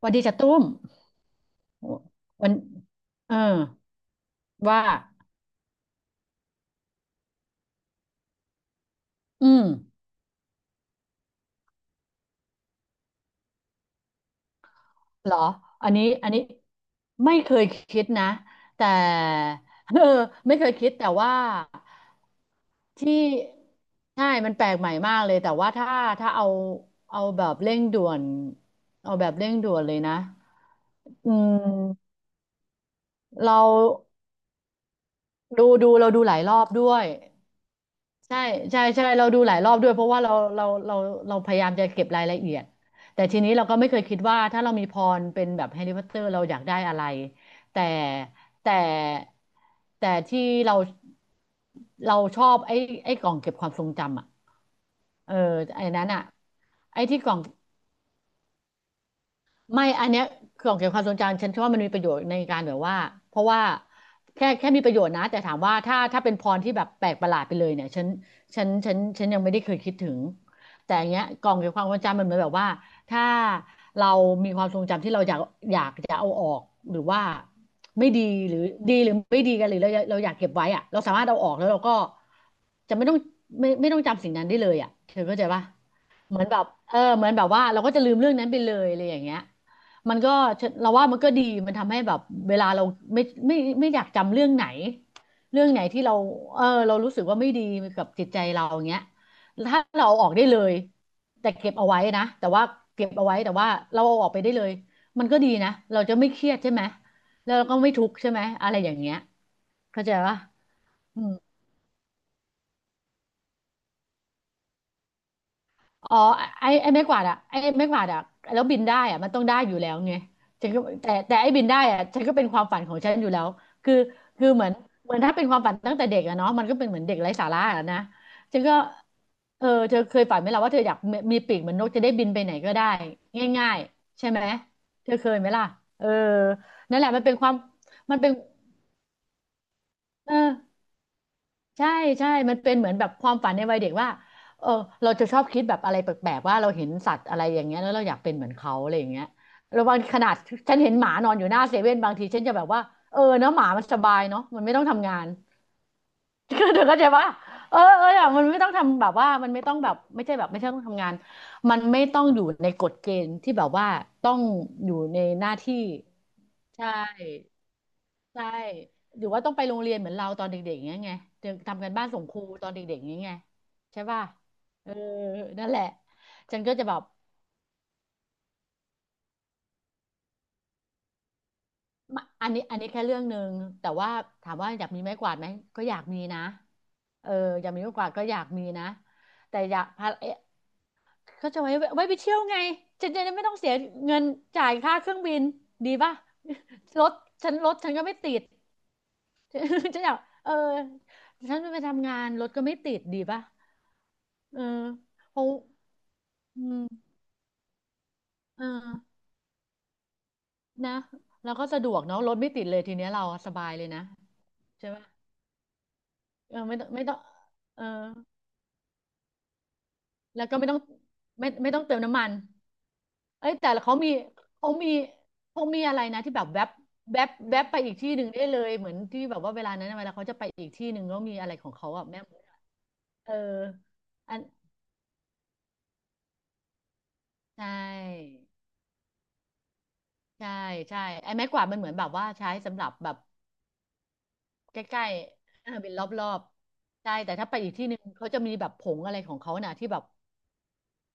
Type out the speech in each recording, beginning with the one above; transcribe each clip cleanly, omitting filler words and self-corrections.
หวัสดีจ้ะตุ้มโอ้วันเออว่าอืมเหรออันนี้ไม่เคยคิดนะแต่ เออไม่เคยคิดแต่ว่าที่ใช่มันแปลกใหม่มากเลยแต่ว่าถ้าเอาเอาแบบเร่งด่วนเอาแบบเร่งด่วนเลยนะอืมเราดูเราดูหลายรอบด้วย ใช่ใช่เราดูหลายรอบด้วยเพราะว่าเราพยายามจะเก็บรายละเอียดแต่ทีนี้เราก็ไม่เคยคิดว่าถ้าเรามีพรเป็นแบบแฮร์รี่พอตเตอร์เราอยากได้อะไรแต่แต่แต่ที่เราชอบไอ้กล่องเก็บความทรงจำอ่ะเออไอ้นั้นอ่ะไอ้ที่กล่อง ไม่อันเนี้ยคือของเกี่ยวกับความทรงจำฉันว่ามันมีประโยชน์ในการแบบว่าเพราะว่าแค่มีประโยชน์นะแต่ถามว่าถ้าเป็นพรที่แบบแปลกประหลาดไปเลยเนี่ยฉันยังไม่ได้เคยคิดถึงแต่อันเนี้ยกล่องเกี่ยวกับความทรงจำมันเหมือนแบบว่าถ้าเรามีความทรงจำที่เราอยากอยากจะเอาออกหรือว่าไม่ดีหรือดีหรือไม่ดีกันหรือเราอยากเก็บไว้อะเราสามารถเอาออกแล้วเราก็จะไม่ต้องไม่ต้องจำสิ่งนั้นได้เลยอะเธอเข้าใจปะเหมือนแบบเออเหมือนแบบว่าเราก็จะลืมเรื่องนั้นไปเลยอะไรอย่างเงี้ย มันก็เราว่ามันก็ดีมันทำให้แบบเวลาเราไม่ไม่ไม่อยากจำเรื่องไหนเรื่องไหนที่เราเออเรารู้สึกว่าไม่ดีกับจิตใจเราอย่างเงี้ยถ้าเราเอาออกได้เลยแต่เก็บเอาไว้นะแต่ว่าเก็บเอาไว้แต่ว่าเราเอาออกไปได้เลยมันก็ดีนะเราจะไม่เครียดใช่ไหมแล้วเราก็ไม่ทุกข์ใช่ไหมอะไรอย่างเงี้ยเข้าใจปะ อ๋อไอ้ไม้กวาดอะแล้วบินได้อะมันต้องได้อยู่แล้วไงฉันก็แต่ไอ้บินได้อะฉันก็เป็นความฝันของฉันอยู่แล้วคือคือเหมือนถ้าเป็นความฝันตั้งแต่เด็กอะเนาะมันก็เป็นเหมือนเด็กไร้สาระอะนะฉันก็เออเธอเคยฝันไหมล่ะว่าเธออยากมีปีกเหมือนนกจะได้บินไปไหนก็ได้ง่ายๆใช่ไหมเธอเคยไหมล่ะเออนั่นแหละมันเป็นความมันเป็นเออ ใช่ใช่มันเป็นเหมือนแบบความฝันในวัยเด็กว่าเออเราจะชอบคิดแบบอะไรแปลกๆว่าเราเห็นสัตว์อะไรอย่างเงี้ยแล้วเราอยากเป็นเหมือนเขาอะไรอย่างเงี้ยแล้วบางขนาดฉันเห็นหมานอนอยู่หน้าเซเว่นบางทีฉันจะแบบว่าเออเนาะหมามันสบายเนาะมันไม่ต้องทำงาน เธอเข้าใจปะเออเอออะมันไม่ต้องทำแบบว่ามันไม่ต้องแบบไม่ใช่แบบไม่ใช่ต้องทำงานมันไม่ต้องอยู่ในกฎเกณฑ์ที่แบบว่าต้องอยู่ในหน้าที่ใช่ ใช่หรือว่าต้องไปโรงเรียนเหมือนเราตอนเด็กๆอย่างเงี้ยไงเดี๋ยวทำกันบ้านส่งครูตอนเด็กๆอย่างเงี้ยไงใช่ป่ะเออนั่นแหละฉันก็จะแบบมาอันนี้แค่เรื่องหนึ่งแต่ว่าถามว่าอยากมีไม้กวาดไหมก็อยากมีนะเอออยากมีไม้กวาดก็อยากมีนะแต่อยากพาเอ๊ะก็จะไว้ไปเที่ยวไงฉันจะได้ไม่ต้องเสียเงินจ่ายค่าเครื่องบินดีป่ะ รถรถฉันก็ไม่ติด ฉันอยากเออฉันไปทำงานรถก็ไม่ติดดีป่ะเออเพราะอืมเออนะแล้วก็สะดวกเนาะรถไม่ติดเลยทีเนี้ยเราสบายเลยนะใช่ไหมเออไม่ต้องเออแล้วก็ไม่ต้องไม่ต้องเติมน้ำมันเอ้ยแต่เขามีเขามีเขามีอะไรนะที่แบบแวบแวบไปอีกที่หนึ่งได้เลยเหมือนที่แบบว่าเวลานั้นน่ะเวลาเขาจะไปอีกที่หนึ่งก็มีอะไรของเขาอ่ะแม่มดอะเอออันใช่ ใช่ใช่ไอ้ไม้กวาดมันเหมือนแบบว่าใช้สำหรับแบบใกล้ๆเออเป็นรอบๆใช่แต่ถ้าไปอีกที่หนึ่งเขาจะมีแบบผงอะไรของเขาน่ะที่แบบ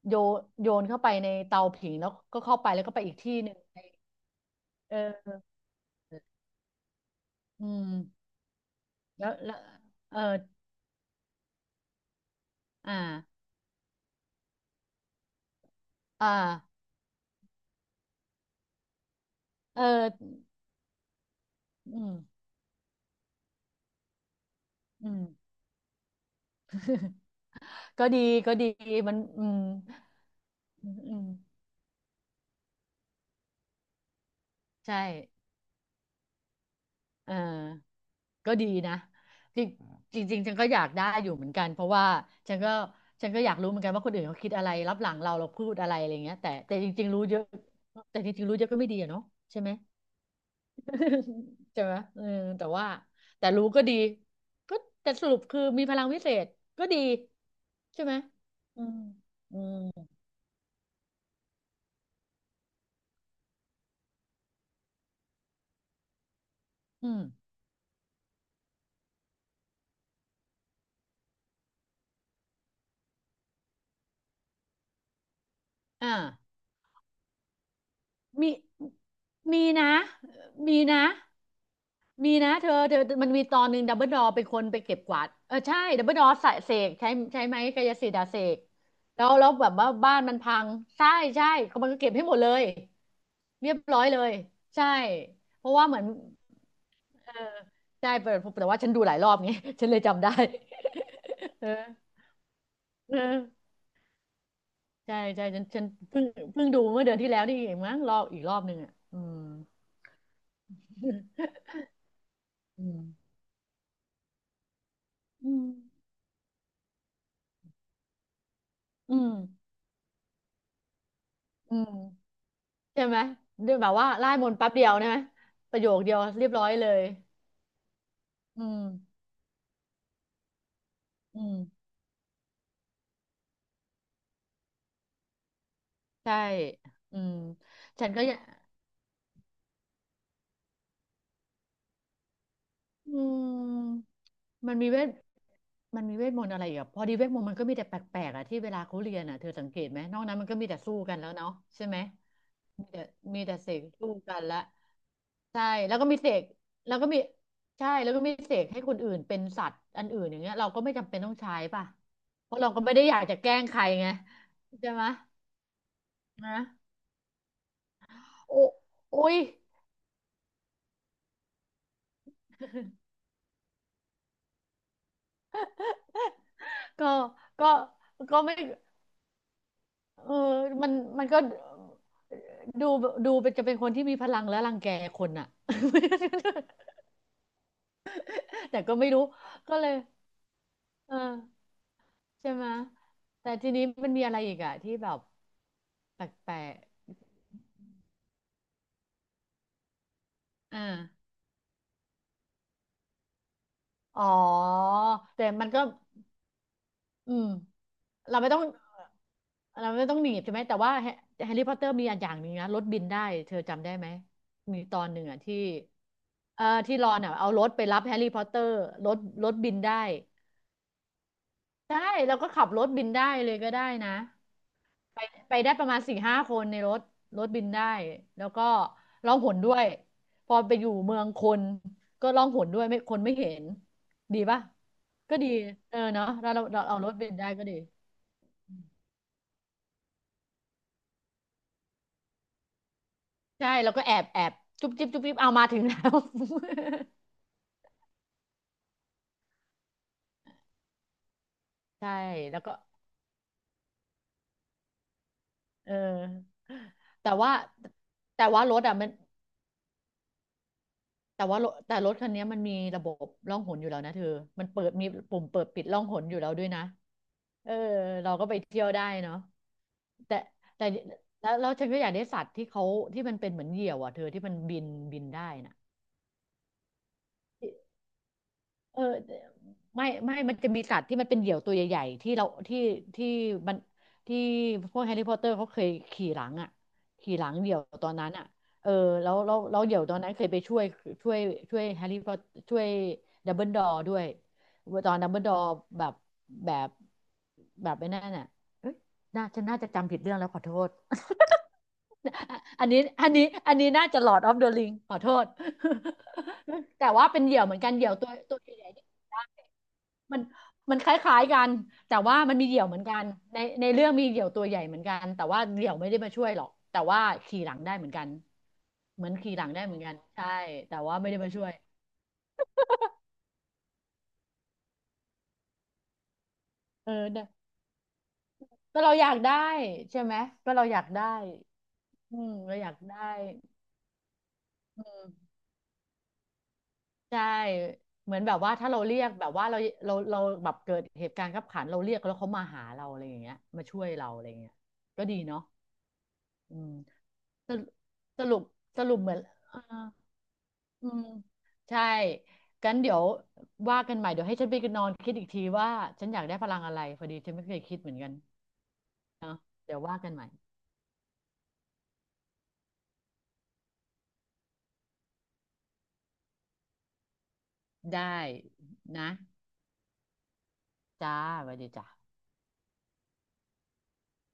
โยโยนเข้าไปในเตาผิงแล้วก็เข้าไปแล้วก็ไปอีกที่หนึ่งเอออืมแล้วแล้วเอออ่าอ่าเอออืมอืม ก็ดีก็ดีมันอืมใช่เออ ก็ดีนะจริงจริงๆฉันก็อยากได้อยู่เหมือนกันเพราะว่าฉันก็ฉันก็อยากรู้เหมือนกันว่าคนอื่นเขาคิดอะไรรับหลังเราเราพูดอะไรอะไรเงี้ยแต่จริงๆรู้เยอะแต่จริงๆรู้เยอะก็ไม่ดีอะเนาะใช่ไหม ใช่ไหมเออแต่ว่าแต่รู้ก็ดีก็แต่สรุปคือมีพลังวิเศษก็ดีใช่ไหมอืมอืมอืมอ่ามีมีนะมีนะ มีนะเธอมันมีตอนหนึ่งดับเบิลดอเป็นคนไปเก็บกวาดเออใช่ดับเบิลดอใส่เสกใช้ไม้กายสิทธิ์อะเสกแล้วแบบว่าบ้านมันพังใช่ใช่เขามันก็เก็บให้หมดเลยเรียบร้อยเลยใช่เพราะว่าเหมือนเออใช่แต่ว่าฉันดูหลายรอบไง ฉันเลยจำได้ เออเออใช่ใช่ฉันเพิ่งเพิ่งดูเมื่อเดือนที่แล้วนี่เองมั้งรอบอีกรอบหนึ่งอ่ะอืม อืมอืมอืมอืม ใช่ไหมด้วยแบบว่าไล่มนต์แป๊บเดียวนะประโยคเดียวเรียบร้อยเลยอืมอืมใช่อืมฉันก็อยากอืมมันมีเวทมันมีเวทมนต์อะไรอีกอ่ะพอดีเวทมนต์มันก็มีแต่แปลกๆอ่ะที่เวลาเขาเรียนอ่ะเธอสังเกตไหมนอกนั้นมันก็มีแต่สู้กันแล้วเนาะใช่ไหมมีแต่มีแต่เสกสู้กันละใช่แล้วก็มีเสกแล้วก็มีใช่แล้วก็มีเสกให้คนอื่นเป็นสัตว์อันอื่นอย่างเงี้ยเราก็ไม่จำเป็นต้องใช้ป่ะเพราะเราก็ไม่ได้อยากจะแกล้งใครไงใช่ไหม นะโออุ้ยก็ก็ก็ไม่เออมันมันก็ดูดูเป็นจะเป็นคนที่มีพลังและรังแกคนอะ แต่ก็ไม่รู้ก็เลยเออใช่ไหมแต่ทีนี้มันมีอะไรอีกอะที่แบบแปลกๆอ่าอ๋อแต่มันก็ อืมเราไม่ต้องเราไม่ต้องหนีบใช่ไหมแต่ว่าแฮร์รี่พอตเตอร์มีอันอย่างหนึ่งนะรถบินได้เธอจำได้ไหมมีตอนหนึ่งอ่ะที่ที่รอนอ่ะเอารถไปรับแฮร์รี่พอตเตอร์รถรถบินได้ใช่เราก็ขับรถบินได้เลยก็ได้นะไปไปได้ประมาณสี่ห้าคนในรถรถบินได้แล้วก็ร้องหนด้วยพอไปอยู่เมืองคนก็ร้องหนด้วยไม่คนไม่เห็นดีป่ะก็ดีเออเนาะเราเอารถบินได้ก็ดี ใช่แล้วก็แอบจุ๊บจิ๊บจุ๊บจิ๊บเอามาถึงแล้ว ใช่แล้วก็เออแต่ว่าแต่ว่ารถอ่ะมันแต่รถคันนี้มันมีระบบร่องหนอยู่แล้วนะเธอมันเปิดมีปุ่มเปิดปิดร่องหนอยู่แล้วด้วยนะเออเราก็ไปเที่ยวได้เนาะแต่แต่แล้วฉันก็อยากได้สัตว์ที่เขาที่มันเป็นเหมือนเหยี่ยวอ่ะเธอที่มันบินได้น่ะ เออไม่มันจะมีสัตว์ที่มันเป็นเหยี่ยวตัวใหญ่ๆที่เราที่ที่มันที่พวกแฮร์รี่พอตเตอร์เขาเคยขี่หลังอ่ะขี่หลังเหยี่ยวตอนนั้นอ่ะเออแล้วเหยี่ยวตอนนั้นเคยไปช่วยช่วยช่วยแฮร์รี่พอตช่วยดัมเบิลดอร์ด้วยตอนดัมเบิลดอร์แบบแบบแบบไอ้นั่นน่ะเอ้ยน่าจะจำผิดเรื่องแล้วขอโทษ อันนี้น่าจะหลอดออฟเดอะริงขอโทษ แต่ว่าเป็นเหยี่ยวเหมือนกันเหยี่ยวตัวใหญ่ๆที่ได้ มันมันคล้ายๆกันแต่ว่ามันมีเหยี่ยวเหมือนกันในเรื่องมีเหยี่ยวตัวใหญ่เหมือนกันแต่ว่าเหยี่ยวไม่ได้มาช่วยหรอกแต่ว่าขี่หลังได้เหมือนกันเหมือนขี่หลังได้เหมือนกันใช่แต่ว่าไม่ได้มาช่วยเออเนี่ยก็เราอยากได้ใช่ไหมก็เราอยากได้อืมเราอยากได้ใช่เหมือนแบบว่าถ้าเราเรียกแบบว่าเราเราแบบเกิดเหตุการณ์ขับขันเราเรียกแล้วเขามาหาเราอะไรอย่างเงี้ยมาช่วยเราอะไรอย่างเงี้ยก็ดีเนาะอืมสรุปสรุปสรุปเหมือนเออ อืมใช่กันเดี๋ยวว่ากันใหม่เดี๋ยวให้ฉันไปนอนคิดอีกทีว่าฉันอยากได้พลังอะไรพอดีฉันไม่เคยคิดเหมือนกันเนาะเดี๋ยวว่ากันใหม่ได้นะจ้าสวัสดีจ้า